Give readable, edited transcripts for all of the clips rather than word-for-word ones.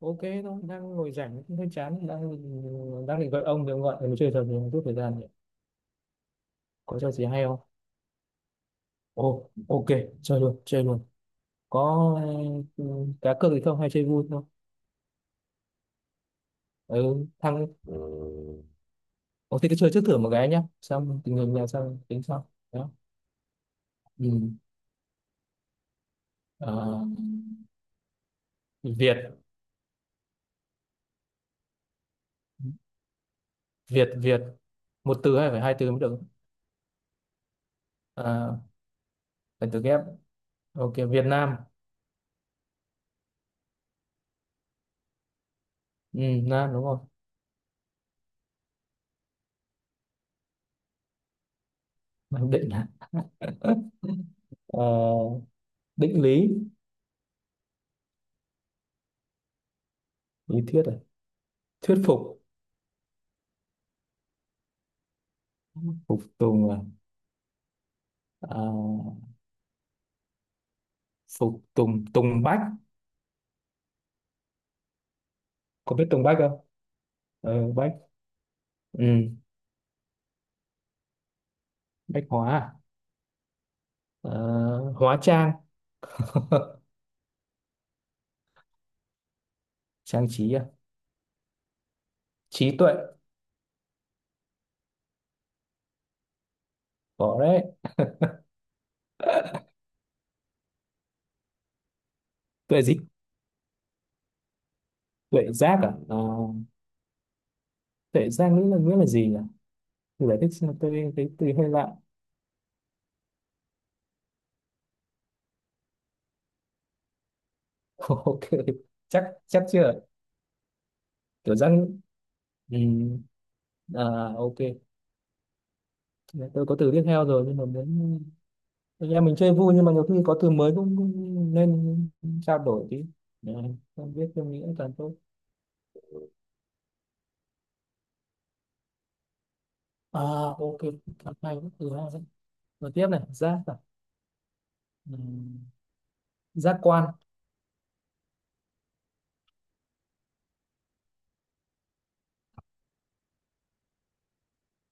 Ok thôi, đang ngồi rảnh cũng hơi chán, đang đang định gọi ông thì ông gọi. Mình chơi trò gì một chút thời gian nhỉ, có trò gì hay không? Ồ, ok, chơi luôn. Có. Ừ, cá cược gì không hay chơi vui thôi? Ừ thằng. Ừ. Ồ thì cứ chơi trước thử một cái nhá, xong tình hình là xong tính sau đó. Ừ. Ờ, Việt. Việt, một từ hay phải hai từ mới được? À, phải từ ghép. Ok, Việt Nam. Ừ, Nam đúng không. Nam Định. Ờ, định lý. Lý thuyết à. Thuyết phục. Phục tùng à, à, phục tùng. Tùng bách. Có biết tùng bách không? Ờ, bách. Ừ, bách hóa à? Ờ, hóa trang. Trang trí à. Trí tuệ. Có đấy. Tuệ gì? Tuệ giác à, Ờ, tuệ giác nghĩa là gì nhỉ? Tôi giải thích xem, tôi thấy từ hơi lạ. Ok. Chắc chắc chưa. Kiểu giác. Ừ, à, ok, tôi có từ tiếp theo rồi nhưng mà đến. Thực ra mình chơi vui nhưng mà nhiều khi có từ mới cũng nên trao đổi tí để không, biết thêm nghĩa càng tốt. À, ok, càng hay quá, từ hai đấy. Rồi tiếp này, giác à. Ừm, giác quan.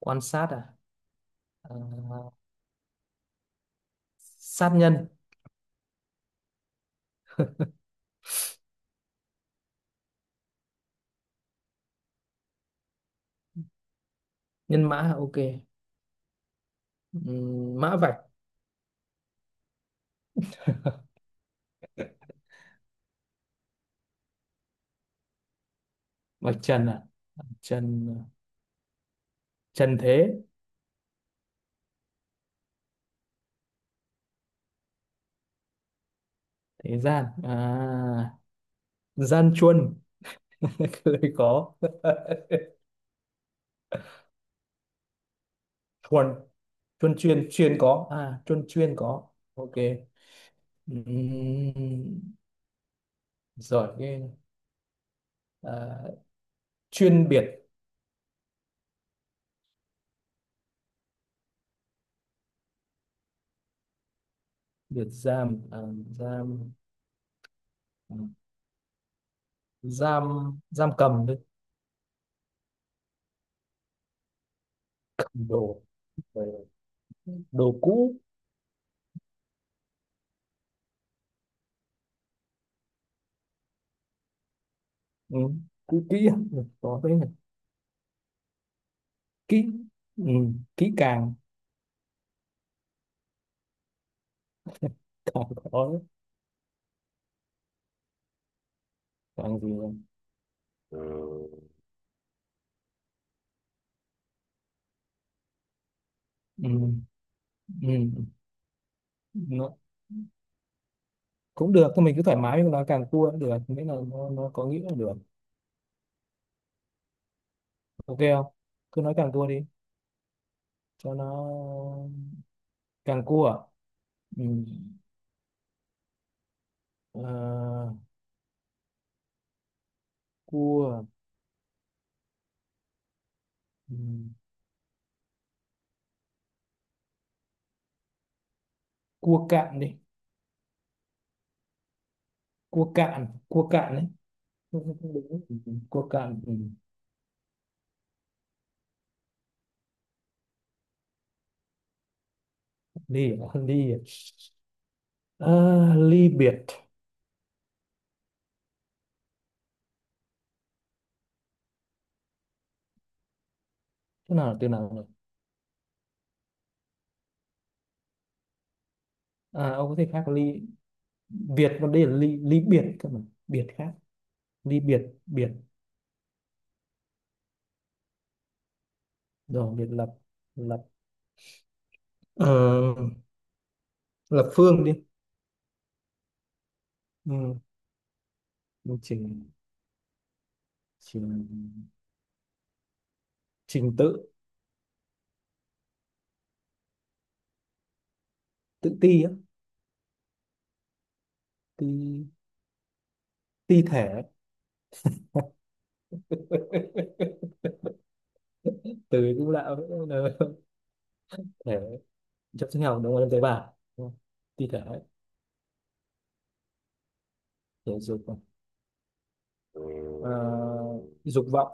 Quan sát à, à, sát nhân. Nhân mã à, ok. Mã vạch. Vạch trần à. Trần. Trần thế. Thế gian à. Gian chuân. Lời có. Thuần. Chuân, chuyên, chuyên có à, chuân chuyên có. Ok. Ừm, giỏi ghê. À, chuyên biệt. Biệt giam à, giam, à, giam, giam cầm đấy. Cầm đồ. Rồi. Đồ cũ. Ừ, cũ kỹ à? Ừ, có thế này. Kỹ. Ừ, kỹ càng. Càng. Có đấy. Càng gì rồi. Ừ, ừ, nó cũng được thôi, mình cứ thoải mái mình nói càng cua cũng được, miễn là nó có nghĩa là được. Ok không, cứ nói càng cua đi cho nó. Càng cua à? Ừ. À, cua. Ừ, cua cạn đi. Cua cạn đấy. Không- không- đúng. Ừ, cua cạn. Ừ. Ly à? Ly à? Ờ, ly biệt. Thế nào là từ nào nhỉ? À ông có thể khác ly biệt, còn đây là ly, ly biệt cơ mà. Biệt khác. Ly biệt biệt. Rồi biệt lập. Lập. Ờ, lập phương đi. Ừ. Một trình. Trình. Trình tự. Tự ti á. Ti. Ti thể. Từ cũng lạ. Thế chất sinh học đúng không? Em tế bào đúng không? Thi thể. Thể dục này. À, dục vọng.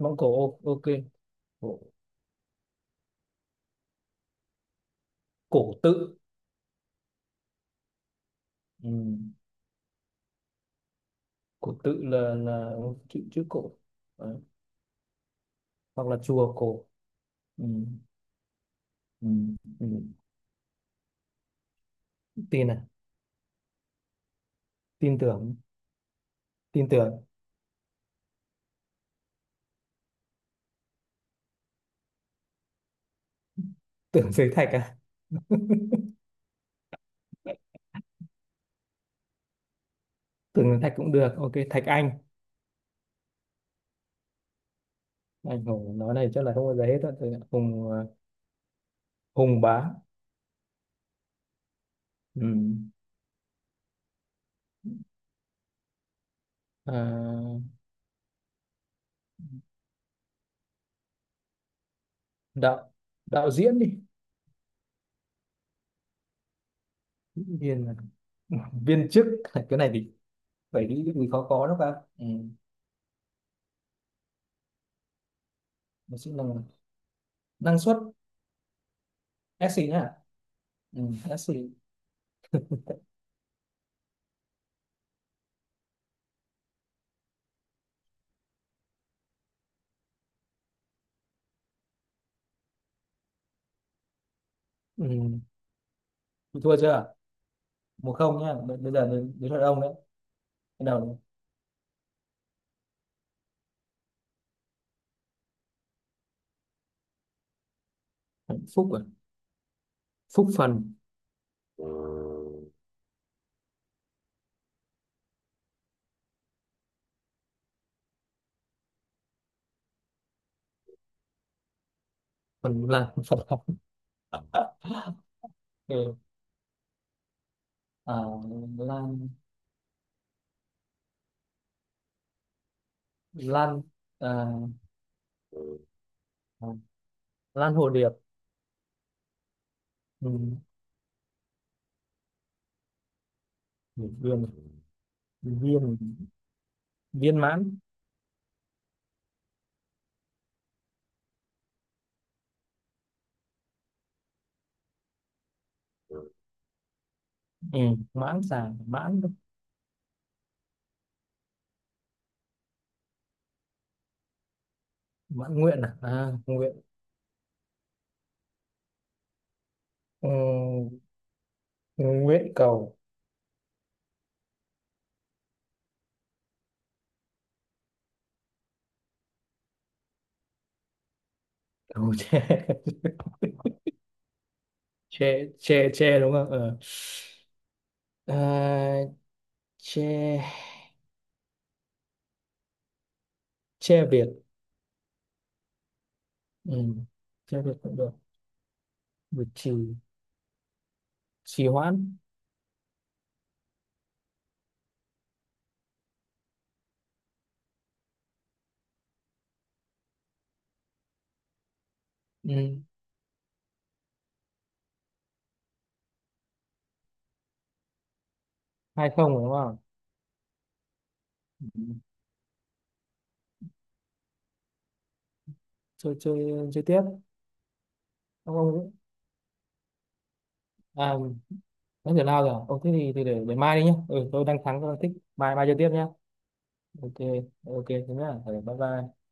Mong cổ, ô- ok, cổ, cổ tự. Ừ. Cổ tự là chữ, chữ cổ. Đấy. Hoặc là chùa cổ. Ừ. Ừ. Ừ. Tin à, tin tưởng tin tưởng. Tưởng Dưới thạch à, tưởng dưới thạch cũng được, ok, thạch anh. Anh hùng nói này chắc là không bao giờ hết rồi. Thạch hùng à, hùng bá. Ừ. À, đạo, đạo diễn đi. Viên à, viên chức. Cái này thì vậy đi, vì khó có đó bạn. Ừ. mình sẽ nâng năng suất. SC nhá. Ừ. SC. Ừ. Mình thua chưa? Một không nhá. B- bây giờ đến đến lượt ông đấy, bắt đầu. Phúc à. Phúc phần. Phần là Phật học. Ừ. À, lan, lan, à, à, lan hồ điệp. Ừ. Viên. Viên. Viên mãn. Ừ. Mãn xà. Mãn. Mãn nguyện à, à, nguyện. Ừ. Nguyện cầu. Cầu tre. Che, che đúng không ờ. À, che, che Việt. Ừ. Che Việt cũng được. Việt Trì. Trì hoãn. Ừ. Hai không đúng không. Ừ. chơi chơi chơi tiếp. Ông, à, nói giờ nào rồi. Ông thế thì để mai đi nhá. Ừ, tôi đang thắng tôi đang thích, mai mai chơi tiếp nhá. Ok ok, thế nhá. Ừ, bye bye.